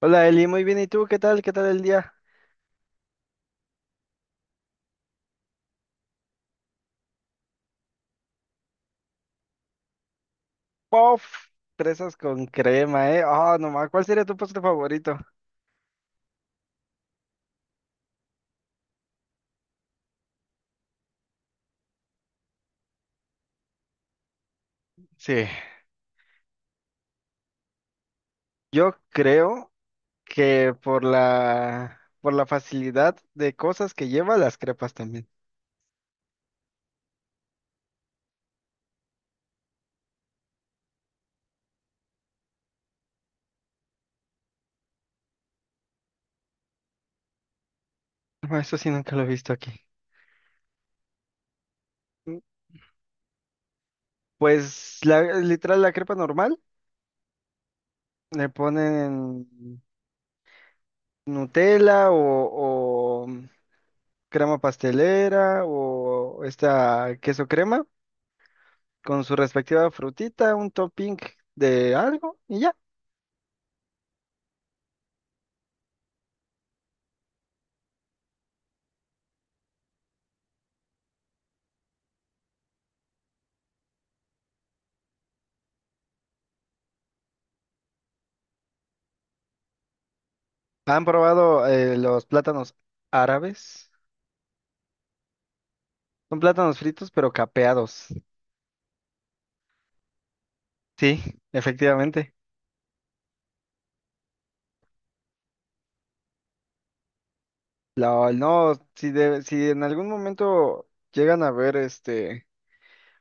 Hola Eli, muy bien. ¿Y tú qué tal? ¿Qué tal el día? ¡Pof! Fresas con crema, ¿eh? Ah, no nomás. ¿Cuál sería tu postre favorito? Sí. Yo creo que por la facilidad de cosas que lleva las crepas también. Ah, eso sí, nunca lo he visto aquí. Mm. Pues la, literal, la crepa normal le ponen Nutella o crema pastelera o esta queso crema, con su respectiva frutita, un topping de algo y ya. ¿Han probado los plátanos árabes? Son plátanos fritos pero capeados. Sí, efectivamente. No, si, si en algún momento llegan a ver este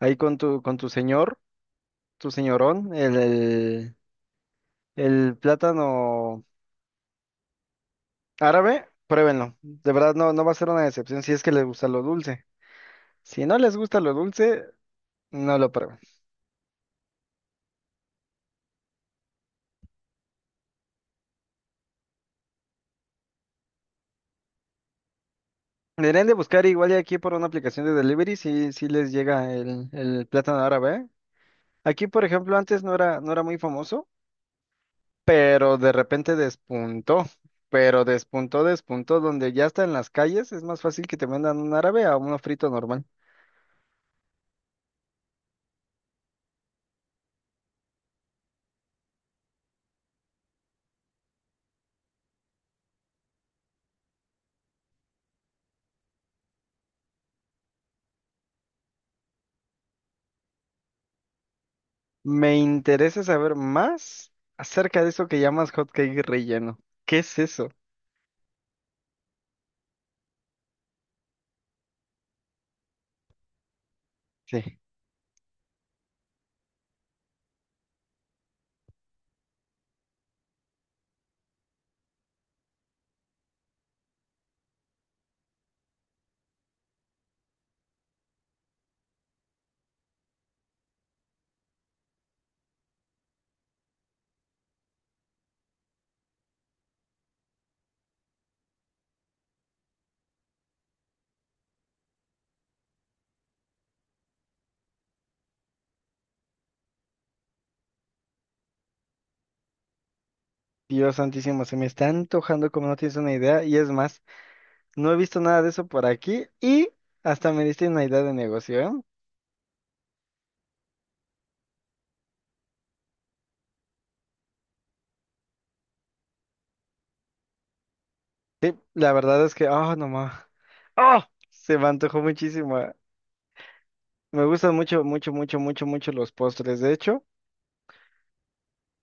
ahí con tu señor, tu señorón, el plátano árabe, pruébenlo. De verdad no, no va a ser una decepción si es que les gusta lo dulce. Si no les gusta lo dulce, no lo prueben. Deberían de buscar igual y aquí por una aplicación de delivery si, si les llega el plátano árabe, ¿eh? Aquí, por ejemplo, antes no era, no era muy famoso, pero de repente despuntó. Pero donde ya está en las calles, es más fácil que te mandan un árabe a uno frito normal. Me interesa saber más acerca de eso que llamas hot cake relleno. ¿Qué es eso? Sí. Dios santísimo, se me está antojando como no tienes una idea. Y es más, no he visto nada de eso por aquí y hasta me diste una idea de negocio, ¿eh? La verdad es que, ah, no más. ¡Oh! Se me antojó muchísimo, eh. Me gustan mucho, mucho, mucho, mucho, mucho los postres. De hecho,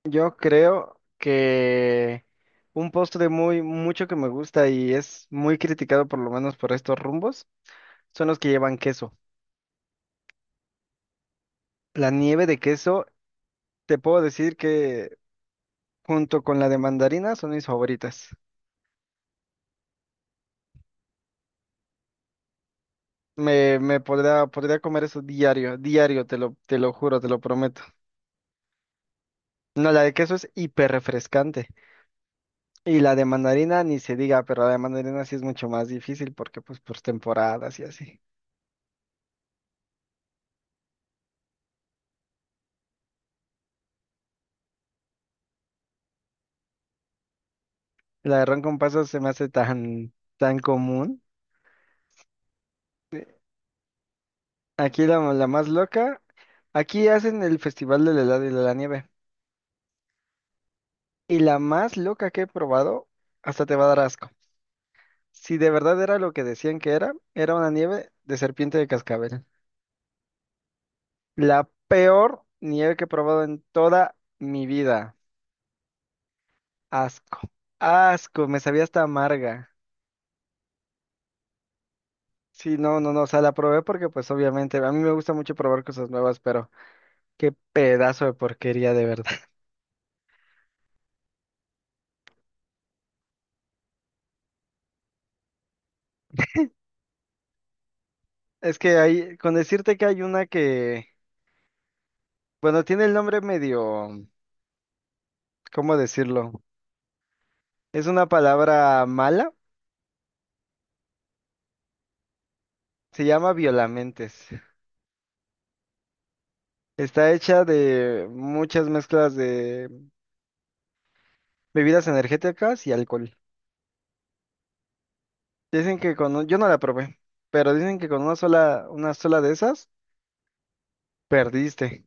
yo creo que un postre muy, mucho que me gusta y es muy criticado por lo menos por estos rumbos, son los que llevan queso. La nieve de queso, te puedo decir que junto con la de mandarina son mis favoritas. Podría comer eso diario, diario, te lo juro, te lo prometo. No, la de queso es hiper refrescante. Y la de mandarina ni se diga, pero la de mandarina sí es mucho más difícil porque pues por temporadas y así. La de ron con pasas se me hace tan, tan común. Aquí la más loca, aquí hacen el festival del helado y de la nieve. Y la más loca que he probado, hasta te va a dar asco. Si de verdad era lo que decían que era, era una nieve de serpiente de cascabel. La peor nieve que he probado en toda mi vida. Asco. Asco, me sabía hasta amarga. Sí, no, no, no, o sea, la probé porque pues obviamente a mí me gusta mucho probar cosas nuevas, pero qué pedazo de porquería de verdad. Es que hay, con decirte que hay una que, bueno, tiene el nombre medio, ¿cómo decirlo? Es una palabra mala, se llama violamentes. Está hecha de muchas mezclas de bebidas energéticas y alcohol. Dicen que yo no la probé, pero dicen que con una sola de esas, perdiste.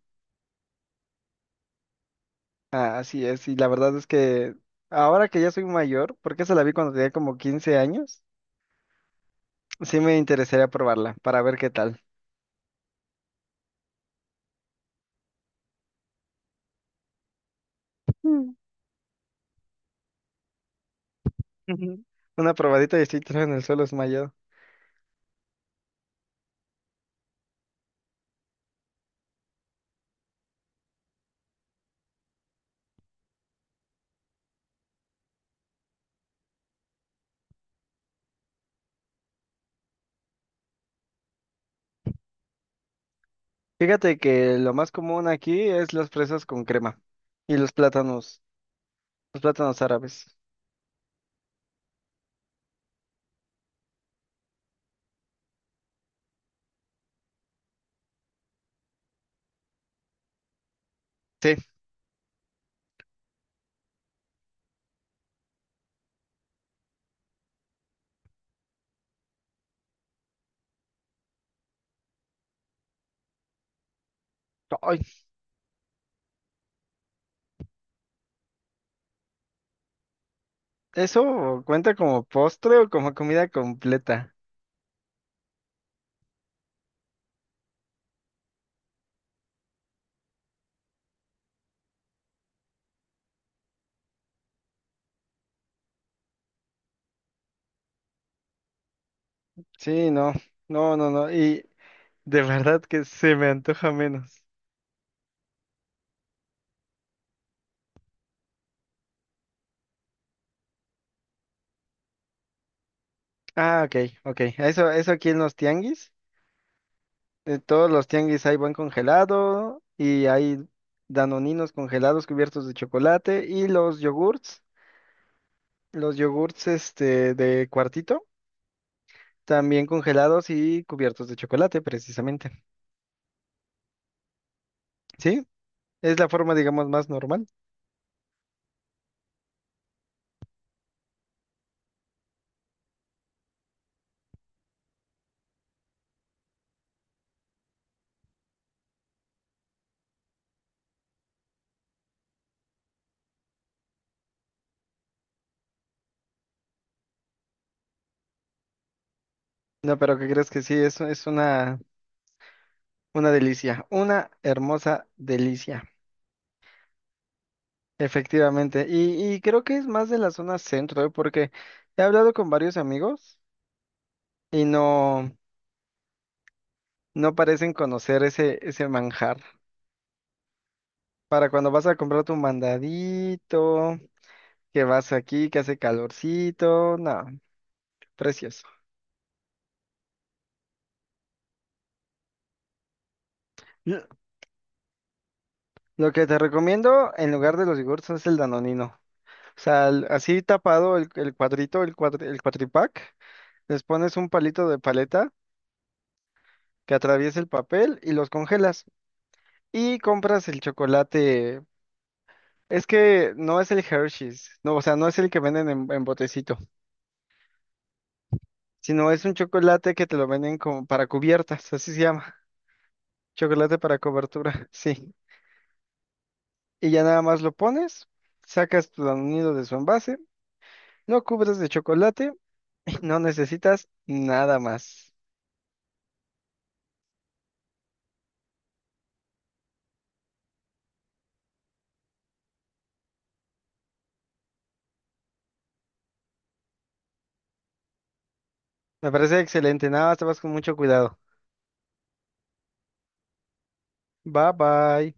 Ah, así es, y la verdad es que ahora que ya soy mayor, porque esa la vi cuando tenía como 15 años, sí me interesaría probarla para ver qué tal. Mm. Ujú. Una probadita y estoy tirado en el suelo desmayado. Fíjate que lo más común aquí es las fresas con crema y los plátanos árabes. Sí, ay, eso cuenta como postre o como comida completa. Sí, no, no, no, no, y de verdad que se me antoja menos. Ah, ok, ok, eso aquí en los tianguis. En todos los tianguis hay buen congelado y hay danoninos congelados cubiertos de chocolate y los yogurts este de cuartito, también congelados y cubiertos de chocolate precisamente. ¿Sí? Es la forma, digamos, más normal. No, pero ¿qué crees que sí? Es una delicia, una hermosa delicia, efectivamente. Y creo que es más de la zona centro, ¿eh? Porque he hablado con varios amigos y no. No parecen conocer ese manjar. Para cuando vas a comprar tu mandadito, que vas aquí, que hace calorcito, no, precioso. L- Lo que te recomiendo en lugar de los yogurts es el danonino. O sea, así tapado el cuadrito, el cuatripack, les pones un palito de paleta que atraviesa el papel y los congelas. Y compras el chocolate. Es que no es el Hershey's, no, o sea, no es el que venden en botecito, sino es un chocolate que te lo venden como para cubiertas, así se llama, chocolate para cobertura. Sí. Y ya nada más lo pones, sacas tu nido de su envase, lo cubres de chocolate y no necesitas nada más. Me parece excelente, nada más te vas con mucho cuidado. Bye bye.